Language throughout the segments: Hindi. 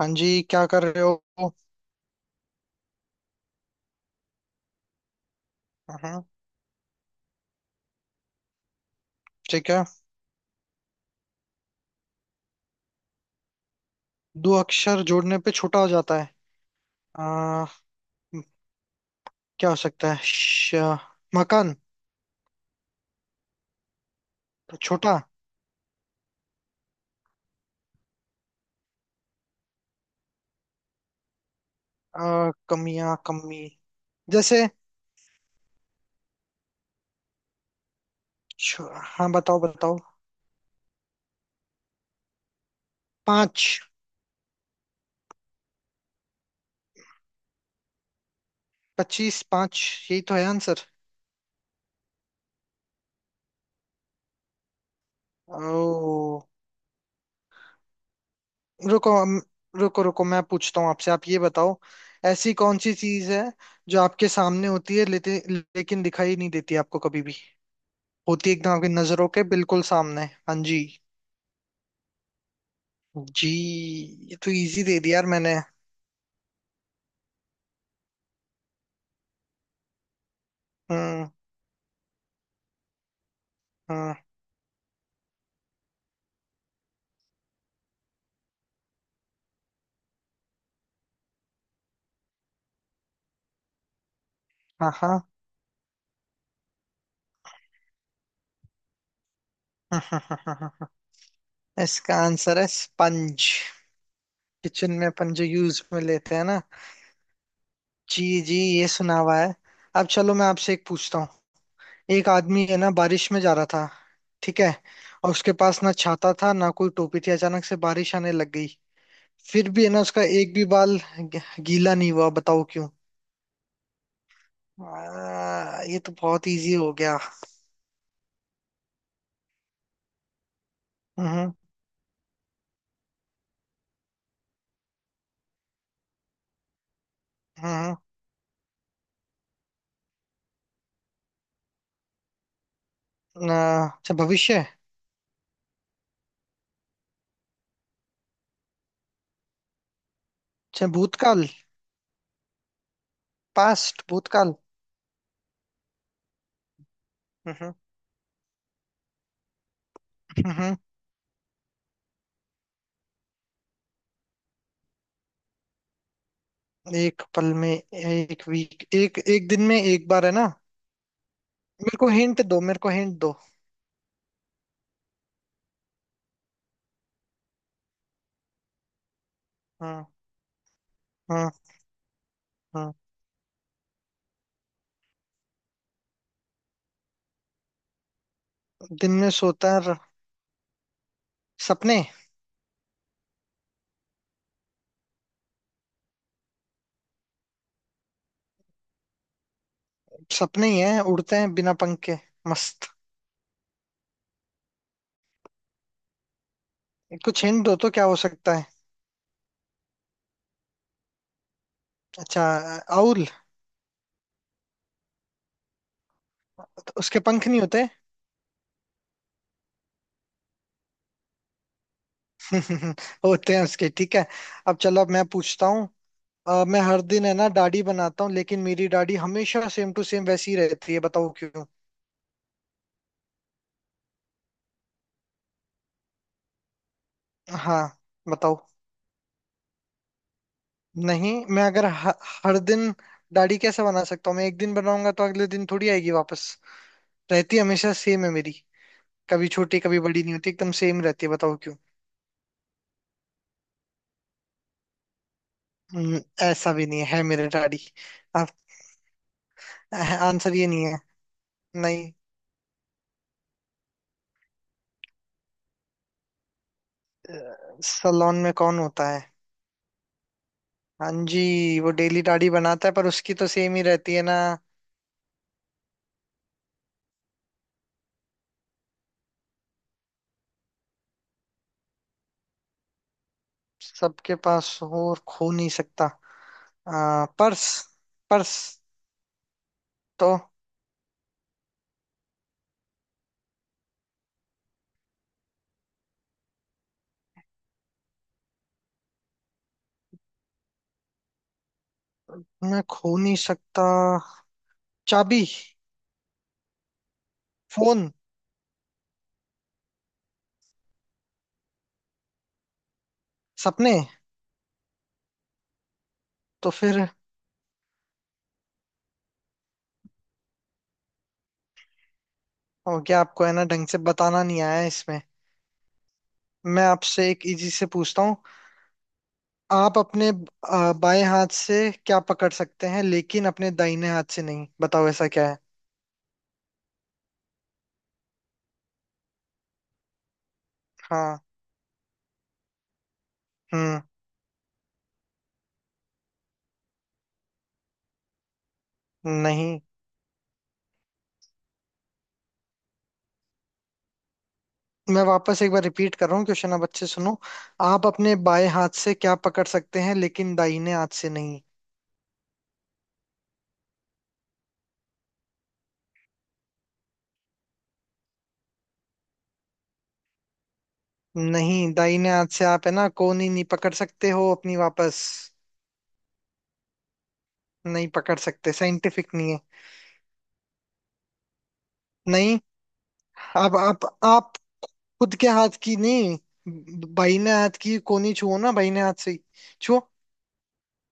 हाँ जी, क्या कर रहे हो। हाँ। ठीक है। दो अक्षर जोड़ने पे छोटा हो जाता है। आ, क्या हो सकता है मकान। तो छोटा। कमियां कमी। जैसे छ- हाँ, बताओ बताओ। पाँच। 25 पाँच। यही तो है आंसर। ओ। रुको रुको रुको, मैं पूछता हूँ आपसे। आप ये बताओ। ऐसी कौन सी चीज है जो आपके सामने होती है लेकिन दिखाई नहीं देती आपको कभी भी। होती है एकदम आपकी नजरों के बिल्कुल सामने। हाँ जी। जी। ये तो इजी दे दिया यार मैंने। हम्म। हम्म। हाँ हाँ। इसका आंसर है स्पंज। किचन में अपन जो यूज में लेते हैं ना। जी जी, ये सुना हुआ है। अब चलो, मैं आपसे एक पूछता हूँ। एक आदमी है ना, बारिश में जा रहा था। ठीक है। और उसके पास ना छाता था ना कोई टोपी थी, अचानक से बारिश आने लग गई। फिर भी है ना, उसका एक भी बाल गीला नहीं हुआ। बताओ क्यों। ये तो बहुत इजी हो गया। हम्म। आ, अच्छा, भविष्य। अच्छा, भूतकाल। पास्ट, भूतकाल। हम्म। हम्म। एक पल में एक वीक, एक एक दिन में एक बार है ना। मेरे को हिंट दो, मेरे को हिंट दो। हम्म हम्म। हम्म। दिन में सोता सपने। सपने ही हैं, उड़ते हैं बिना पंख के। मस्त। कुछ हिंट दो तो क्या हो सकता है। अच्छा। आउल। उसके पंख नहीं होते। होते हैं उसके, ठीक है। अब चलो, अब मैं पूछता हूँ। मैं हर दिन है ना दाढ़ी बनाता हूँ, लेकिन मेरी दाढ़ी हमेशा सेम टू सेम वैसी ही रहती है। बताओ क्यों। हाँ। बताओ। नहीं, मैं अगर हर दिन दाढ़ी कैसे बना सकता हूँ। मैं एक दिन बनाऊंगा तो अगले दिन थोड़ी आएगी वापस। रहती हमेशा सेम है मेरी। कभी छोटी कभी बड़ी नहीं होती, एकदम सेम रहती है। बताओ क्यों। ऐसा भी नहीं है, है मेरी दाढ़ी। आप। आंसर ये नहीं है। नहीं। सलोन में कौन होता है। हाँ जी, वो डेली दाढ़ी बनाता है पर उसकी तो सेम ही रहती है ना। सबके पास हो और खो नहीं सकता। पर्स। पर्स। तो। मैं खो नहीं सकता। चाबी। फोन। सपने। तो फिर। हो गया आपको है ना, ढंग से बताना नहीं आया इसमें। मैं आपसे एक इजी से पूछता हूँ। आप अपने बाएं हाथ से क्या पकड़ सकते हैं लेकिन अपने दाहिने हाथ से नहीं। बताओ ऐसा क्या है। हाँ। हम्म। नहीं। मैं वापस एक बार रिपीट कर रहा हूँ क्वेश्चन, आप अच्छे सुनो। आप अपने बाएं हाथ से क्या पकड़ सकते हैं लेकिन दाहिने हाथ से नहीं। नहीं, दाहिने हाथ से आप है ना कोहनी नहीं पकड़ सकते हो अपनी। वापस नहीं पकड़ सकते, साइंटिफिक नहीं है। नहीं। अब आप खुद के हाथ की नहीं। बाहिने हाथ की कोहनी छुओ ना, बाहिने हाथ से ही। छुओ।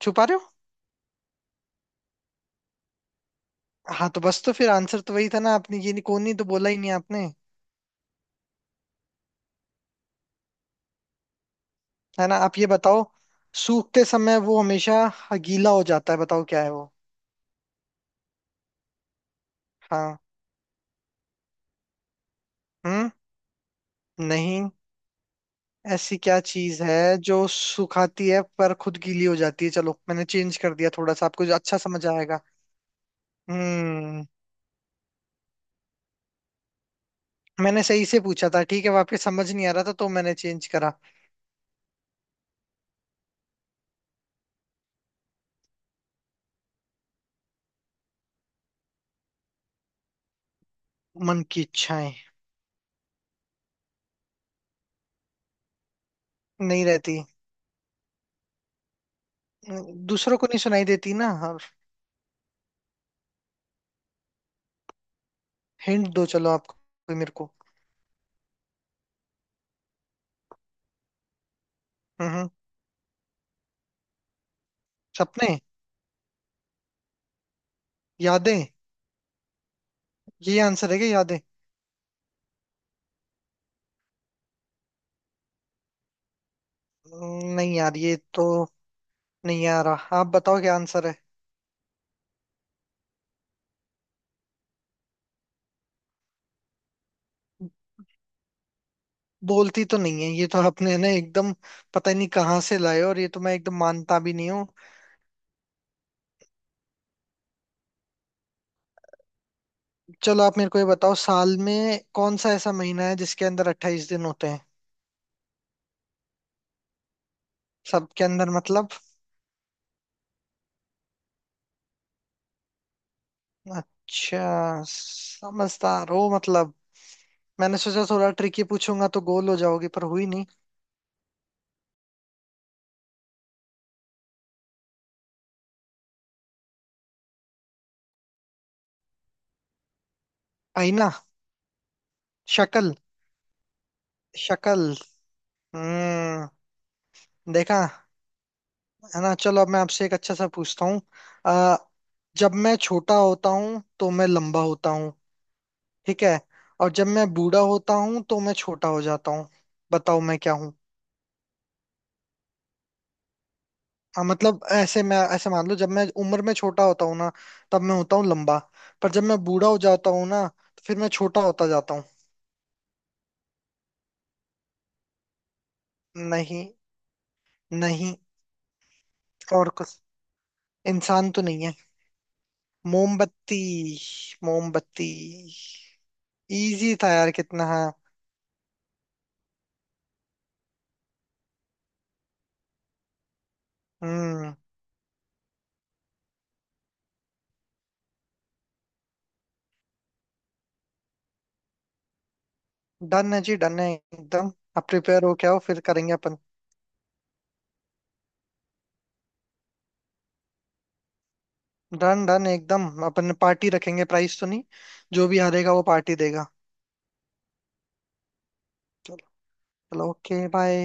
छुपा रहे हो। हाँ तो बस, तो फिर आंसर तो वही था ना, आपने ये नहीं, कोहनी तो बोला ही नहीं आपने। है ना, आप ये बताओ। सूखते समय वो हमेशा गीला हो जाता है, बताओ क्या है वो। हाँ। हम्म। नहीं। ऐसी क्या चीज है जो सुखाती है पर खुद गीली हो जाती है। चलो मैंने चेंज कर दिया थोड़ा सा, आपको जो अच्छा समझ आएगा। हम्म। मैंने सही से पूछा था, ठीक है वापस समझ नहीं आ रहा था तो मैंने चेंज करा। मन की इच्छाएं। नहीं रहती। दूसरों को नहीं सुनाई देती ना। और हिंट दो चलो, आप कोई मेरे को। हम्म। सपने। यादें। ये आंसर है क्या, यादें। नहीं यार ये तो नहीं आ रहा, आप बताओ क्या आंसर है। बोलती तो नहीं है, ये तो आपने ना एकदम पता नहीं कहाँ से लाए, और ये तो मैं एकदम मानता भी नहीं हूँ। चलो आप मेरे को ये बताओ, साल में कौन सा ऐसा महीना है जिसके अंदर 28 दिन होते हैं। सबके अंदर मतलब। अच्छा। समझदार हो मतलब। मैंने सोचा थोड़ा ट्रिकी पूछूंगा तो गोल हो जाओगी, पर हुई नहीं। आईना। शक्ल। शक्ल। हम्म। देखा। है ना, चलो अब मैं आपसे एक अच्छा सा पूछता हूँ। अ, जब मैं छोटा होता हूँ तो मैं लंबा होता हूँ। ठीक है। और जब मैं बूढ़ा होता हूँ तो मैं छोटा हो जाता हूँ। बताओ मैं क्या हूँ। हाँ मतलब ऐसे, मैं ऐसे मान लो जब मैं उम्र में छोटा होता हूँ ना। तब मैं होता हूँ लंबा। पर जब मैं बूढ़ा हो जाता हूँ ना, तो फिर मैं छोटा होता जाता हूँ। नहीं। नहीं। और कुछ। इंसान तो नहीं है। मोमबत्ती। मोमबत्ती। इजी था यार, कितना है। हम्म। डन है जी, डन है एकदम। आप प्रिपेयर हो क्या, हो फिर करेंगे अपन। डन डन एकदम, अपन पार्टी रखेंगे, प्राइस तो नहीं। जो भी हारेगा वो पार्टी देगा। चलो। चलो ओके बाय।